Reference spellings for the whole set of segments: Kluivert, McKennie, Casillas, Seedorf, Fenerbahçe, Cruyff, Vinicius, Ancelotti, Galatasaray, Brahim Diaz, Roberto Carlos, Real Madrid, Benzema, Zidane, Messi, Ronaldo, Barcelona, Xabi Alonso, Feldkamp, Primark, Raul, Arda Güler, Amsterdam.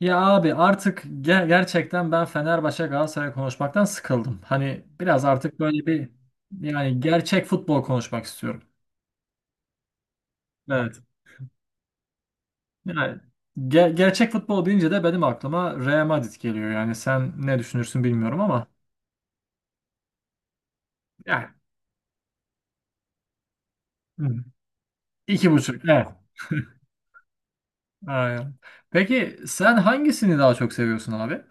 Ya abi artık gerçekten ben Fenerbahçe Galatasaray konuşmaktan sıkıldım. Hani biraz artık böyle bir yani gerçek futbol konuşmak istiyorum. Evet. Yani gerçek futbol deyince de benim aklıma Real Madrid geliyor. Yani sen ne düşünürsün bilmiyorum ama yani. Hı. iki buçuk. Evet. Aynen. Peki sen hangisini daha çok seviyorsun abi?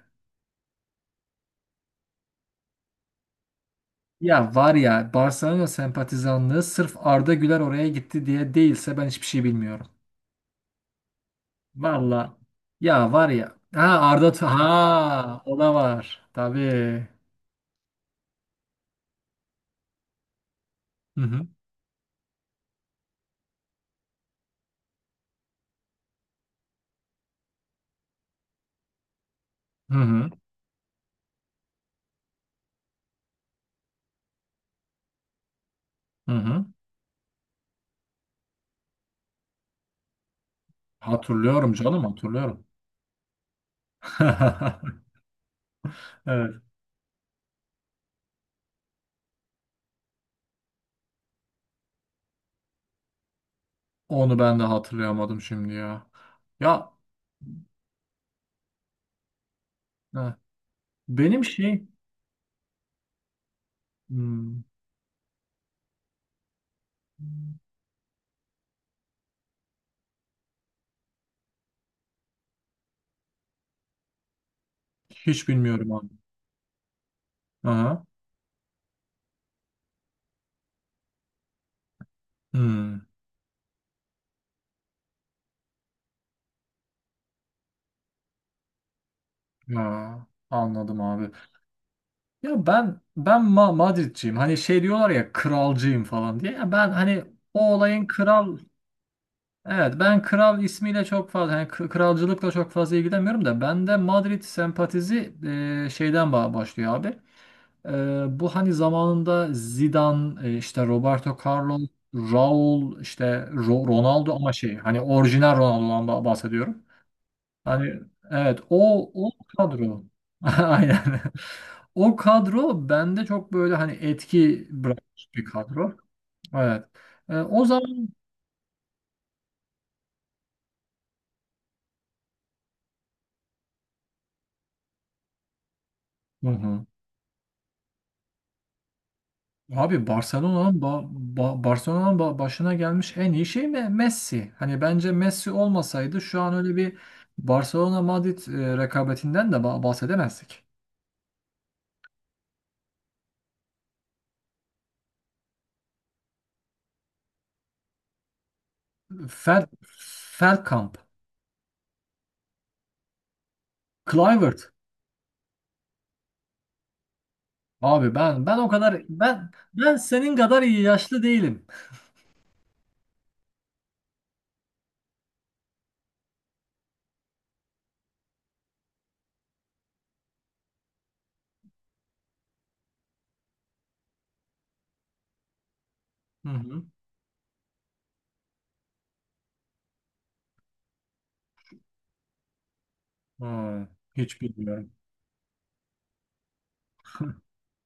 Ya var ya, Barcelona sempatizanlığı sırf Arda Güler oraya gitti diye değilse ben hiçbir şey bilmiyorum. Valla ya var ya. Ha, ha, o da var. Tabii. Hı hı. Hı hı. Hı hı. Hatırlıyorum canım, hatırlıyorum. Evet. Onu ben de hatırlayamadım şimdi ya. Ya ha, benim şey hmm, hiç bilmiyorum abi. Aha. Hmm. Ya anladım abi. Ya ben Madridciyim. Hani şey diyorlar ya, kralcıyım falan diye. Ya ben hani o olayın kral. Evet, ben kral ismiyle çok fazla, yani kralcılıkla çok fazla ilgilenmiyorum da bende Madrid sempatizi şeyden başlıyor abi. Bu hani zamanında Zidane, işte Roberto Carlos, Raul, işte Ronaldo, ama şey, hani orijinal Ronaldo'dan bahsediyorum. Hani evet, o kadro. Aynen. O kadro bende çok böyle hani etki bırakmış bir kadro. Evet. O zaman. Hı hı. Abi Barcelona'nın başına gelmiş en iyi şey Messi. Hani bence Messi olmasaydı şu an öyle bir Barcelona Madrid rekabetinden de bahsedemezdik. Fel Feldkamp, Kluivert. Abi ben o kadar ben senin kadar iyi yaşlı değilim. Hı hı. Ha, hiç bilmiyorum.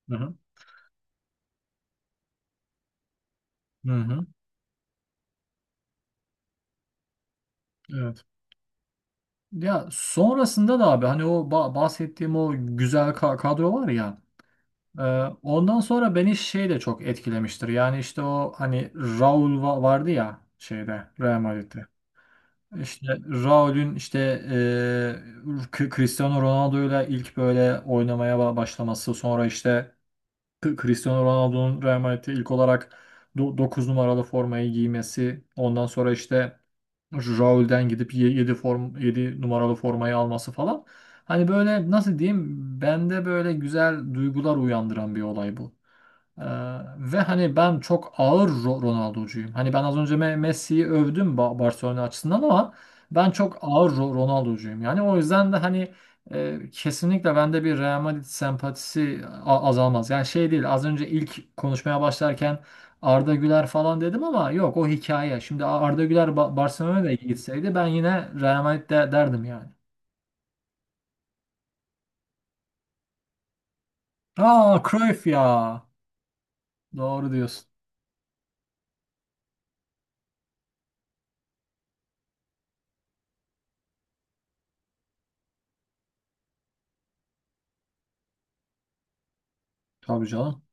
Hı hı. Hı hı. Evet. Ya sonrasında da abi, hani o bahsettiğim o güzel kadro var ya, Ee, ondan sonra beni şey de çok etkilemiştir. Yani işte o hani Raul vardı ya şeyde, Real Madrid'de. İşte Raul'ün işte Cristiano Ronaldo'yla ilk böyle oynamaya başlaması. Sonra işte Cristiano Ronaldo'nun Real Madrid'de ilk olarak 9 numaralı formayı giymesi. Ondan sonra işte Raul'den gidip 7 form 7 numaralı formayı alması falan. Hani böyle, nasıl diyeyim, bende böyle güzel duygular uyandıran bir olay bu. Ee, ve hani ben çok ağır Ronaldo'cuyum. Hani ben az önce Messi'yi övdüm Barcelona açısından ama ben çok ağır Ronaldo'cuyum. Yani o yüzden de hani kesinlikle bende bir Real Madrid sempatisi azalmaz. Yani şey değil, az önce ilk konuşmaya başlarken Arda Güler falan dedim ama yok, o hikaye. Şimdi Arda Güler Barcelona'ya gitseydi ben yine Real Madrid derdim yani. Aa, Cruyff ya. Doğru diyorsun. Tabii canım.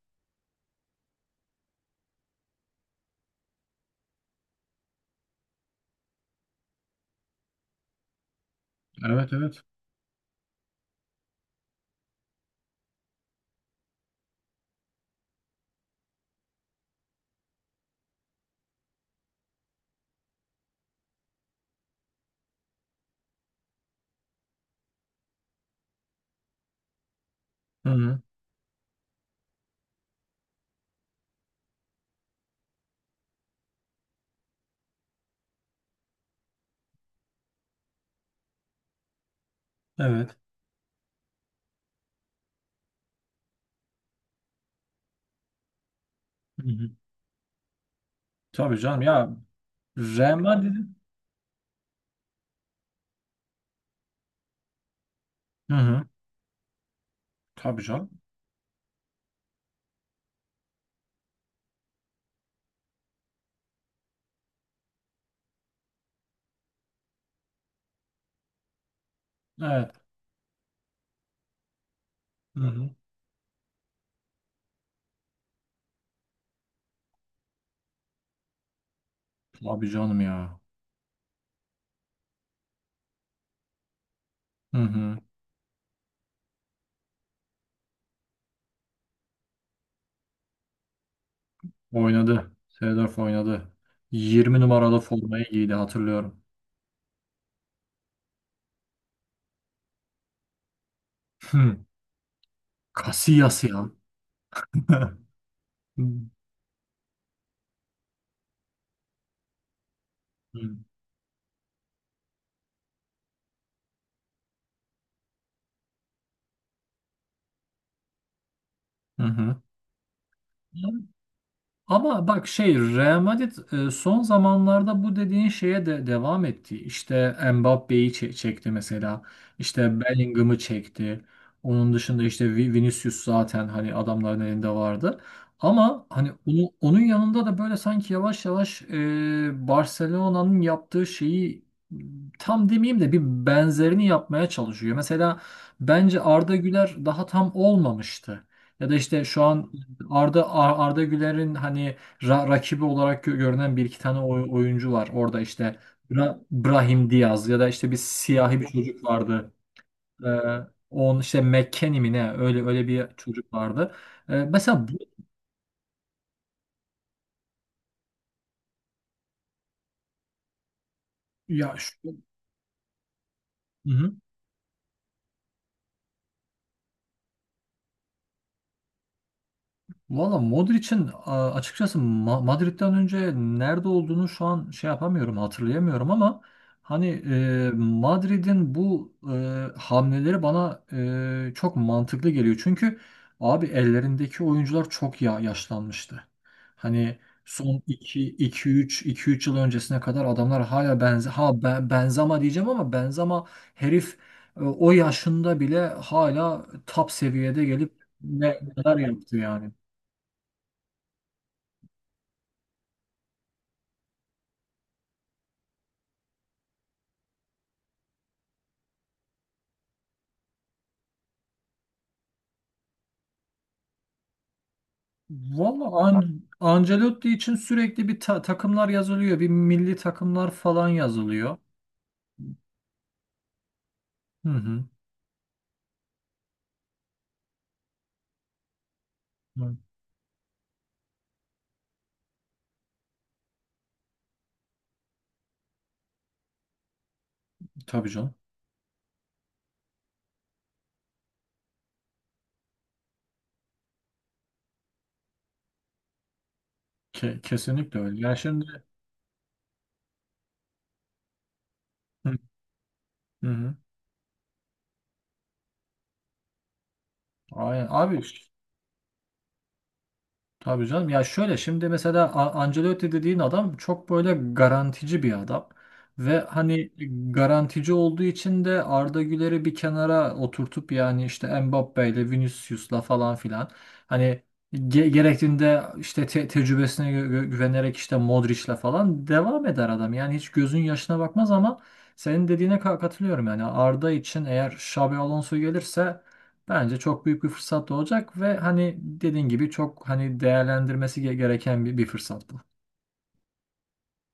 Evet, evet. Hı hı. Evet. Hı hı. Tabii canım ya. Rema dedim. Hı hı. Tabii canım. Evet. Hı hı. Tabii canım ya. Hı hı. Oynadı. Seedorf oynadı. 20 numaralı formayı giydi, hatırlıyorum. Hı. Casillas ya. Hı hı. Hı hı. Ama bak şey, Real Madrid son zamanlarda bu dediğin şeye de devam etti. İşte Mbappé'yi çekti mesela. İşte Bellingham'ı çekti. Onun dışında işte Vinicius zaten hani adamların elinde vardı. Ama hani onu, onun yanında da böyle sanki yavaş yavaş Barcelona'nın yaptığı şeyi tam demeyeyim de bir benzerini yapmaya çalışıyor. Mesela bence Arda Güler daha tam olmamıştı. Ya da işte şu an Arda Güler'in hani rakibi olarak görünen bir iki tane oyuncu var. Orada işte Brahim Diaz ya da işte bir siyahi bir çocuk vardı. Ee, on işte McKennie mi ne, öyle öyle bir çocuk vardı. Mesela bu ya şu. Hı hı. Valla Modric'in açıkçası Madrid'den önce nerede olduğunu şu an şey yapamıyorum, hatırlayamıyorum, ama hani Madrid'in bu hamleleri bana çok mantıklı geliyor. Çünkü abi ellerindeki oyuncular çok ya, yaşlanmıştı. Hani son 2 3 yıl öncesine kadar adamlar hala ben Benzema diyeceğim ama Benzema herif, o yaşında bile hala top seviyede gelip neler yaptı yani. Valla Ancelotti için sürekli bir takımlar yazılıyor. Bir milli takımlar falan yazılıyor. Hı hı. Hı. Tabii canım. Kesinlikle öyle. Ya şimdi. Hı hı. Aynen. Abi. Tabii canım. Ya şöyle şimdi mesela Ancelotti dediğin adam çok böyle garantici bir adam. Ve hani garantici olduğu için de Arda Güler'i bir kenara oturtup yani, işte Mbappe'yle Vinicius'la falan filan hani gerektiğinde işte tecrübesine güvenerek işte Modric'le falan devam eder adam. Yani hiç gözün yaşına bakmaz ama senin dediğine katılıyorum yani. Arda için eğer Xabi Alonso gelirse bence çok büyük bir fırsat da olacak ve hani dediğin gibi çok hani değerlendirmesi gereken bir fırsat bu.